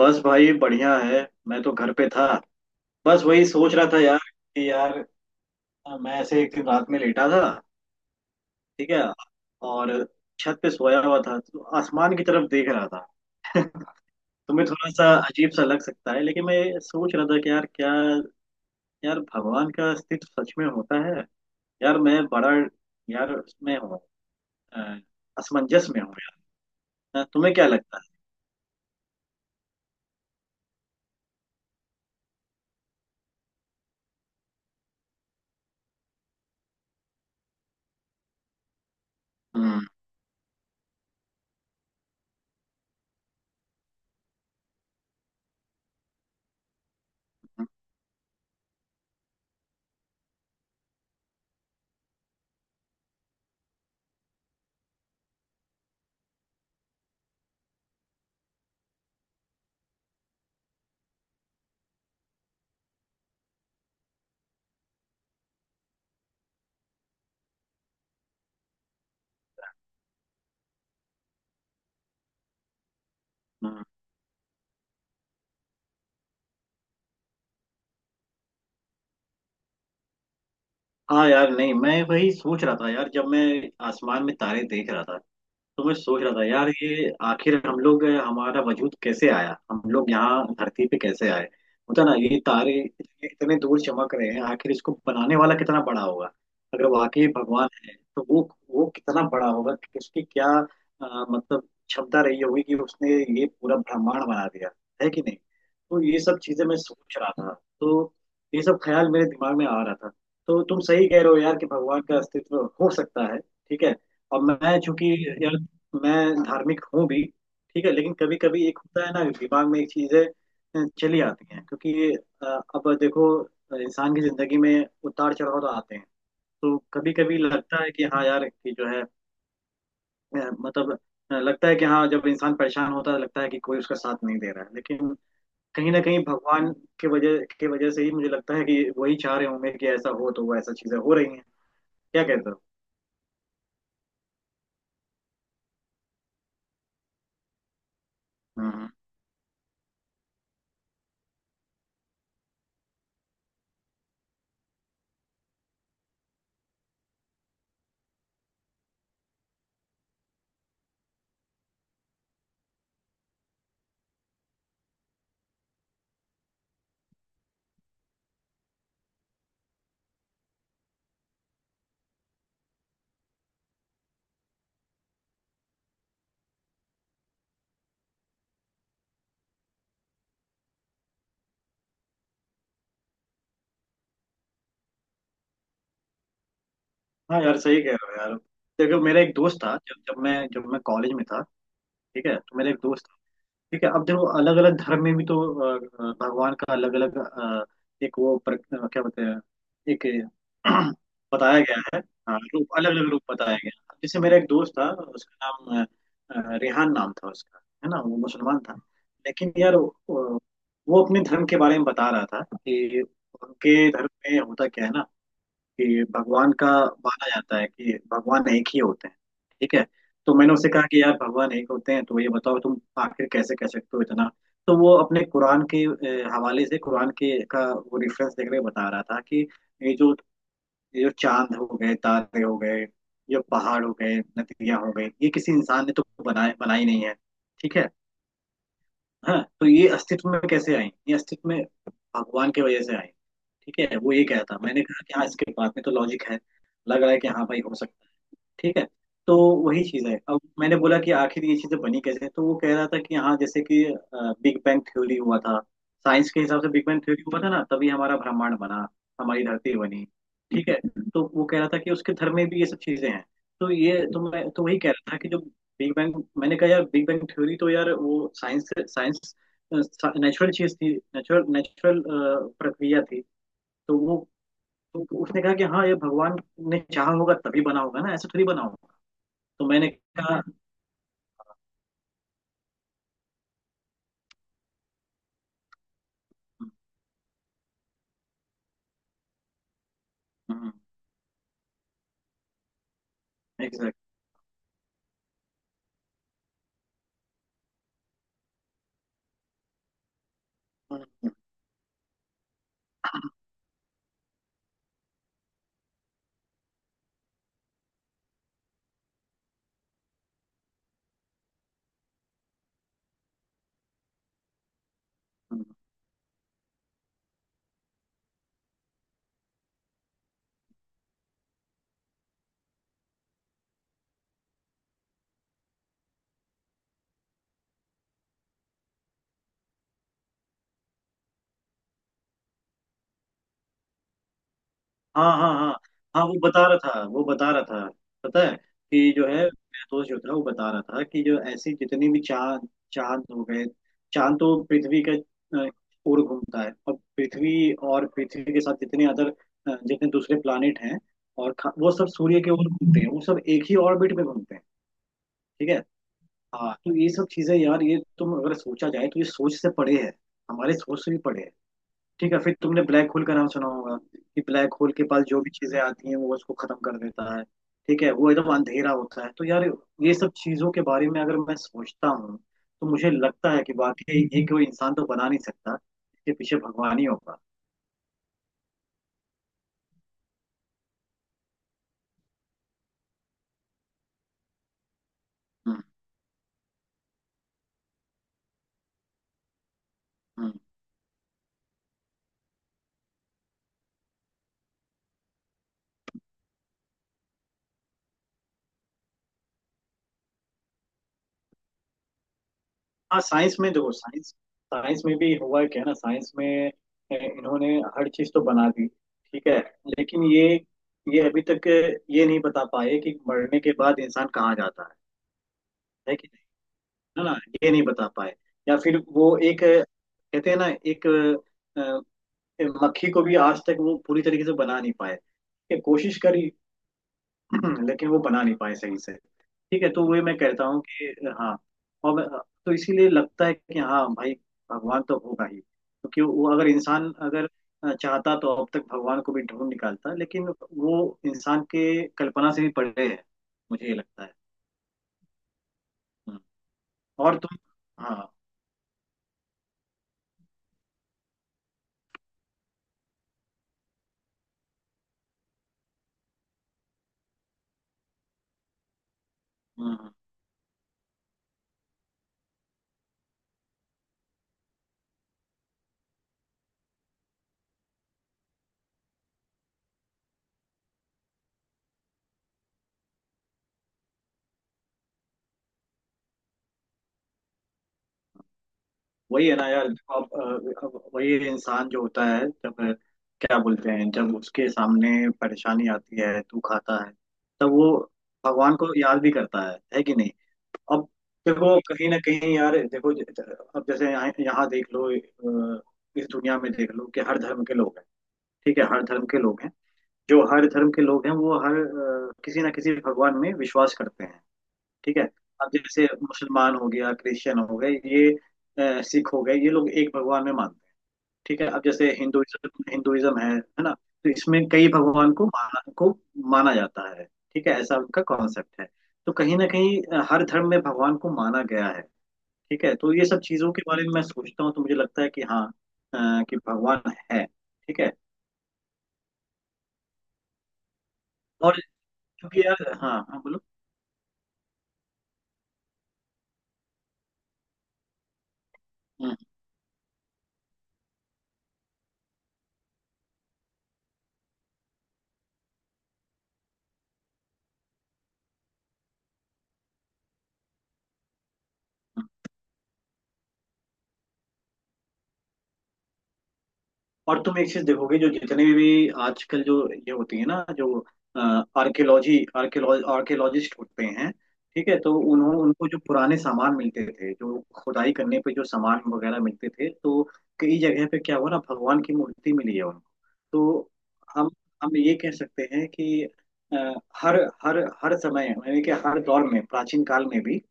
बस भाई बढ़िया है। मैं तो घर पे था। बस वही सोच रहा था यार, कि यार मैं ऐसे एक दिन रात में लेटा था। ठीक है। और छत पे सोया हुआ था, तो आसमान की तरफ देख रहा था। तुम्हें थोड़ा सा अजीब सा लग सकता है, लेकिन मैं ये सोच रहा था कि यार क्या, यार भगवान का अस्तित्व सच में होता है। यार मैं बड़ा, यार उसमें हूँ, अ, असमंजस में हूँ। यार तुम्हें क्या लगता है? हम्म, हम्म, हम्म। हाँ यार, नहीं, मैं वही सोच रहा था यार, जब मैं आसमान में तारे देख रहा था, तो मैं सोच रहा था यार, ये आखिर हम लोग, हमारा वजूद कैसे आया, हम लोग यहाँ धरती पे कैसे आए। होता ना, ये तारे इतने दूर चमक रहे हैं, आखिर इसको बनाने वाला कितना बड़ा होगा। अगर वाकई भगवान है तो वो कितना बड़ा होगा, कि उसकी क्या, मतलब क्षमता रही होगी, कि उसने ये पूरा ब्रह्मांड बना दिया, है कि नहीं। तो ये सब चीजें मैं सोच रहा था। तो ये सब ख्याल मेरे दिमाग में आ रहा था। तो तुम सही कह रहे हो यार, कि भगवान का अस्तित्व हो सकता है। ठीक है। और मैं चूंकि यार, मैं धार्मिक हूँ भी। ठीक है, लेकिन कभी कभी एक होता है ना, दिमाग में एक चीजें चली आती हैं, क्योंकि अ, अब देखो, इंसान की जिंदगी में उतार चढ़ाव तो आते हैं। तो कभी कभी लगता है कि हाँ यार, कि जो है, मतलब, लगता है कि हाँ, जब इंसान परेशान होता है, लगता है कि कोई उसका साथ नहीं दे रहा है, लेकिन कहीं ना कहीं भगवान के वजह से ही मुझे लगता है कि वही चाह रहे होंगे कि ऐसा हो, तो वो ऐसा चीजें हो रही हैं। क्या कहते हो? हम्म। हाँ यार, सही कह रहे हो यार। देखो, मेरा एक दोस्त था, जब जब मैं कॉलेज में था। ठीक है, तो मेरा एक दोस्त। ठीक है, अब देखो, अलग अलग धर्म में भी तो अ, भगवान का अलग अलग, एक वो क्या बोलते हैं, एक बताया गया है। हाँ रूप, अलग अलग रूप बताया गया है। जैसे मेरा एक दोस्त था, उसका नाम रेहान नाम था उसका, है ना? वो मुसलमान था, लेकिन यार वो अपने धर्म के बारे में बता रहा था, कि उनके धर्म में होता क्या है ना, कि भगवान का माना जाता है कि भगवान एक ही होते हैं। ठीक है। तो मैंने उसे कहा कि यार, भगवान एक होते हैं, तो ये बताओ तुम आखिर कैसे कह सकते हो इतना। तो वो अपने कुरान के, हवाले से, कुरान के का वो रेफरेंस देख के बता रहा था कि ये जो ये जो चांद हो गए, तारे हो गए, ये पहाड़ हो गए, नदियां हो गई, ये किसी इंसान ने तो बनाए, बनाई नहीं है। ठीक है। हाँ, तो ये अस्तित्व में कैसे आई, ये अस्तित्व में भगवान की वजह से आई। ठीक है, वो ये कहता, मैंने कहा कि हाँ, इसके बात में तो लॉजिक है, लग रहा है कि हाँ भाई, हो सकता है। ठीक है। तो वही चीज है। अब मैंने बोला कि आखिर ये चीजें बनी कैसे, तो वो कह रहा था कि हाँ, जैसे कि बिग बैंग थ्योरी हुआ था, साइंस के हिसाब से बिग बैंग थ्योरी हुआ था ना, तभी हमारा ब्रह्मांड बना, हमारी धरती बनी। ठीक है। तो वो कह रहा था कि उसके धर्म में भी ये सब चीजें हैं। तो ये तो मैं तो वही कह रहा था कि जो बिग बैंग, मैंने कहा यार, बिग बैंग थ्योरी तो यार वो साइंस साइंस नेचुरल चीज थी, नेचुरल नेचुरल प्रक्रिया थी। तो वो, तो उसने कहा कि हाँ, ये भगवान ने चाहा होगा तभी बना होगा ना, ऐसे थोड़ी बना होगा। तो मैंने कहा, एग्जैक्ट। हाँ हाँ हाँ हाँ, वो बता रहा था, वो बता रहा था, पता है, कि जो है, मेरा दोस्त जो था, वो बता रहा था कि जो ऐसी जितनी भी चांद, चांद हो गए, चांद तो पृथ्वी का अ, ओर घूमता है, और पृथ्वी के साथ जितने दूसरे प्लानिट हैं, वो सब सूर्य के ओर घूमते हैं, वो सब एक ही ऑर्बिट में घूमते हैं। ठीक है। हाँ, तो ये सब चीजें यार, ये तुम अगर सोचा जाए तो ये सोच से परे है, हमारे सोच से भी परे है। ठीक है। फिर तुमने ब्लैक होल का नाम सुना होगा, कि ब्लैक होल के पास जो भी चीजें आती हैं, वो उसको खत्म कर देता है। ठीक है, वो एकदम अंधेरा होता है। तो यार, ये सब चीजों के बारे में अगर मैं सोचता हूँ, तो मुझे लगता है कि वाकई ये कोई इंसान तो बना नहीं सकता, इसके पीछे भगवान ही होगा। हम्म, हम्म। हाँ साइंस में देखो, साइंस साइंस में भी हुआ क्या ना, साइंस में इन्होंने हर चीज तो बना दी। ठीक है, लेकिन ये अभी तक ये नहीं बता पाए कि मरने के बाद इंसान कहाँ जाता है कि नहीं, है ना? ये नहीं बता पाए। या फिर वो एक, कहते हैं ना, एक, मक्खी को भी आज तक वो पूरी तरीके से बना नहीं पाए, ये कोशिश करी, लेकिन वो बना नहीं पाए सही से। ठीक है, तो वही मैं कहता हूँ कि हाँ, और मैं- तो इसीलिए लगता है कि हाँ भाई, भगवान तो होगा ही, क्योंकि वो अगर, इंसान अगर चाहता तो अब तक भगवान को भी ढूंढ निकालता, लेकिन वो इंसान के कल्पना से भी परे है, मुझे ये लगता है। हम्म। और तुम। हाँ। हम्म। वही है ना यार, अब वही इंसान जो होता है, जब क्या बोलते हैं, जब उसके सामने परेशानी आती है, तू खाता है, तब वो भगवान को याद भी करता है कि नहीं? अब देखो, कहीं ना कहीं यार, देखो, अब जैसे यहाँ यहाँ देख लो, इस दुनिया में देख लो, कि हर धर्म के लोग हैं। ठीक है, हर धर्म के लोग हैं। जो हर धर्म के लोग हैं, वो हर किसी ना किसी भगवान में विश्वास करते हैं। ठीक है। अब जैसे मुसलमान हो गया, क्रिश्चियन हो गए ये, सिख हो गए, ये लोग एक भगवान में मानते हैं। ठीक है। अब जैसे हिंदुइज्म, हिंदुइज्म है ना? तो इसमें कई भगवान को माना जाता है। ठीक है, ऐसा उनका कॉन्सेप्ट है। तो कहीं ना कहीं हर धर्म में भगवान को माना गया है। ठीक है, तो ये सब चीजों के बारे में मैं सोचता हूँ, तो मुझे लगता है कि हाँ, कि भगवान है। ठीक है। और, क्योंकि यार, हाँ हाँ बोलो। हम्म। और तुम एक चीज देखोगे, जो जितने भी आजकल जो ये होती है ना, जो आर्कियोलॉजी आर्कियोलॉजिस्ट होते हैं। ठीक है, तो उन्होंने, उनको जो पुराने सामान मिलते थे, जो खुदाई करने पे जो सामान वगैरह मिलते थे, तो कई जगह पे क्या हुआ ना, भगवान की मूर्ति मिली है उनको। तो हम हम ये कह सकते हैं कि अ, हर हर हर समय, यानी कि हर दौर में, प्राचीन काल में भी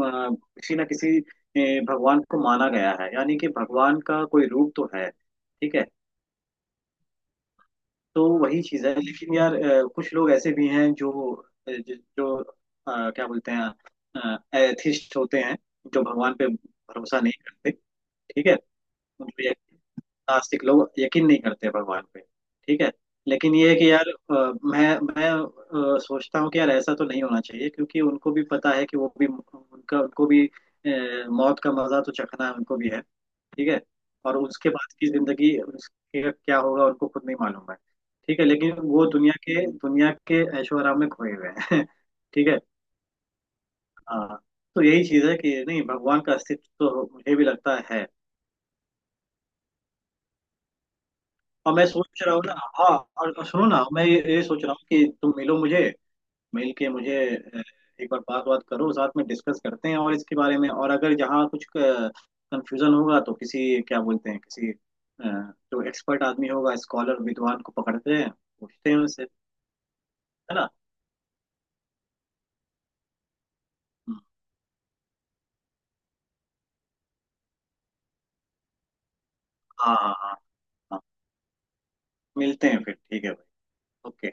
किसी ना किसी भगवान को माना गया है, यानी कि भगवान का कोई रूप तो है। ठीक है। तो वही चीज है, लेकिन यार कुछ लोग ऐसे भी हैं जो जो, जो क्या बोलते हैं, एथिस्ट होते हैं, जो भगवान पे भरोसा नहीं करते। ठीक है। उनको ये- नास्तिक लोग यकीन नहीं करते भगवान पे। ठीक है। लेकिन ये है कि यार मैं सोचता हूँ कि यार, ऐसा तो नहीं होना चाहिए, क्योंकि उनको भी पता है कि वो भी, उनका उनको भी मौत का मजा तो चखना है, उनको भी है। ठीक है। और उसके बाद की जिंदगी, उसके क्या होगा, उनको खुद नहीं मालूम है। ठीक है, लेकिन वो दुनिया के ऐशो आराम में खोए हुए हैं। ठीक है। हाँ, तो यही चीज है कि नहीं, भगवान का अस्तित्व तो मुझे भी लगता है। और मैं सोच रहा हूँ ना, हाँ, और सुनो ना, मैं ये सोच रहा हूँ कि तुम मिलो मुझे, मिल के मुझे एक बार बात, बात करो, साथ में डिस्कस करते हैं और इसके बारे में, और अगर यहाँ कुछ कंफ्यूजन होगा तो किसी, क्या बोलते हैं, किसी जो एक्सपर्ट आदमी होगा, स्कॉलर विद्वान को पकड़ते हैं, पूछते हैं उनसे, है ना? हम्म, हाँ हाँ हाँ। हाँ, मिलते हैं फिर, ठीक है भाई। ओके।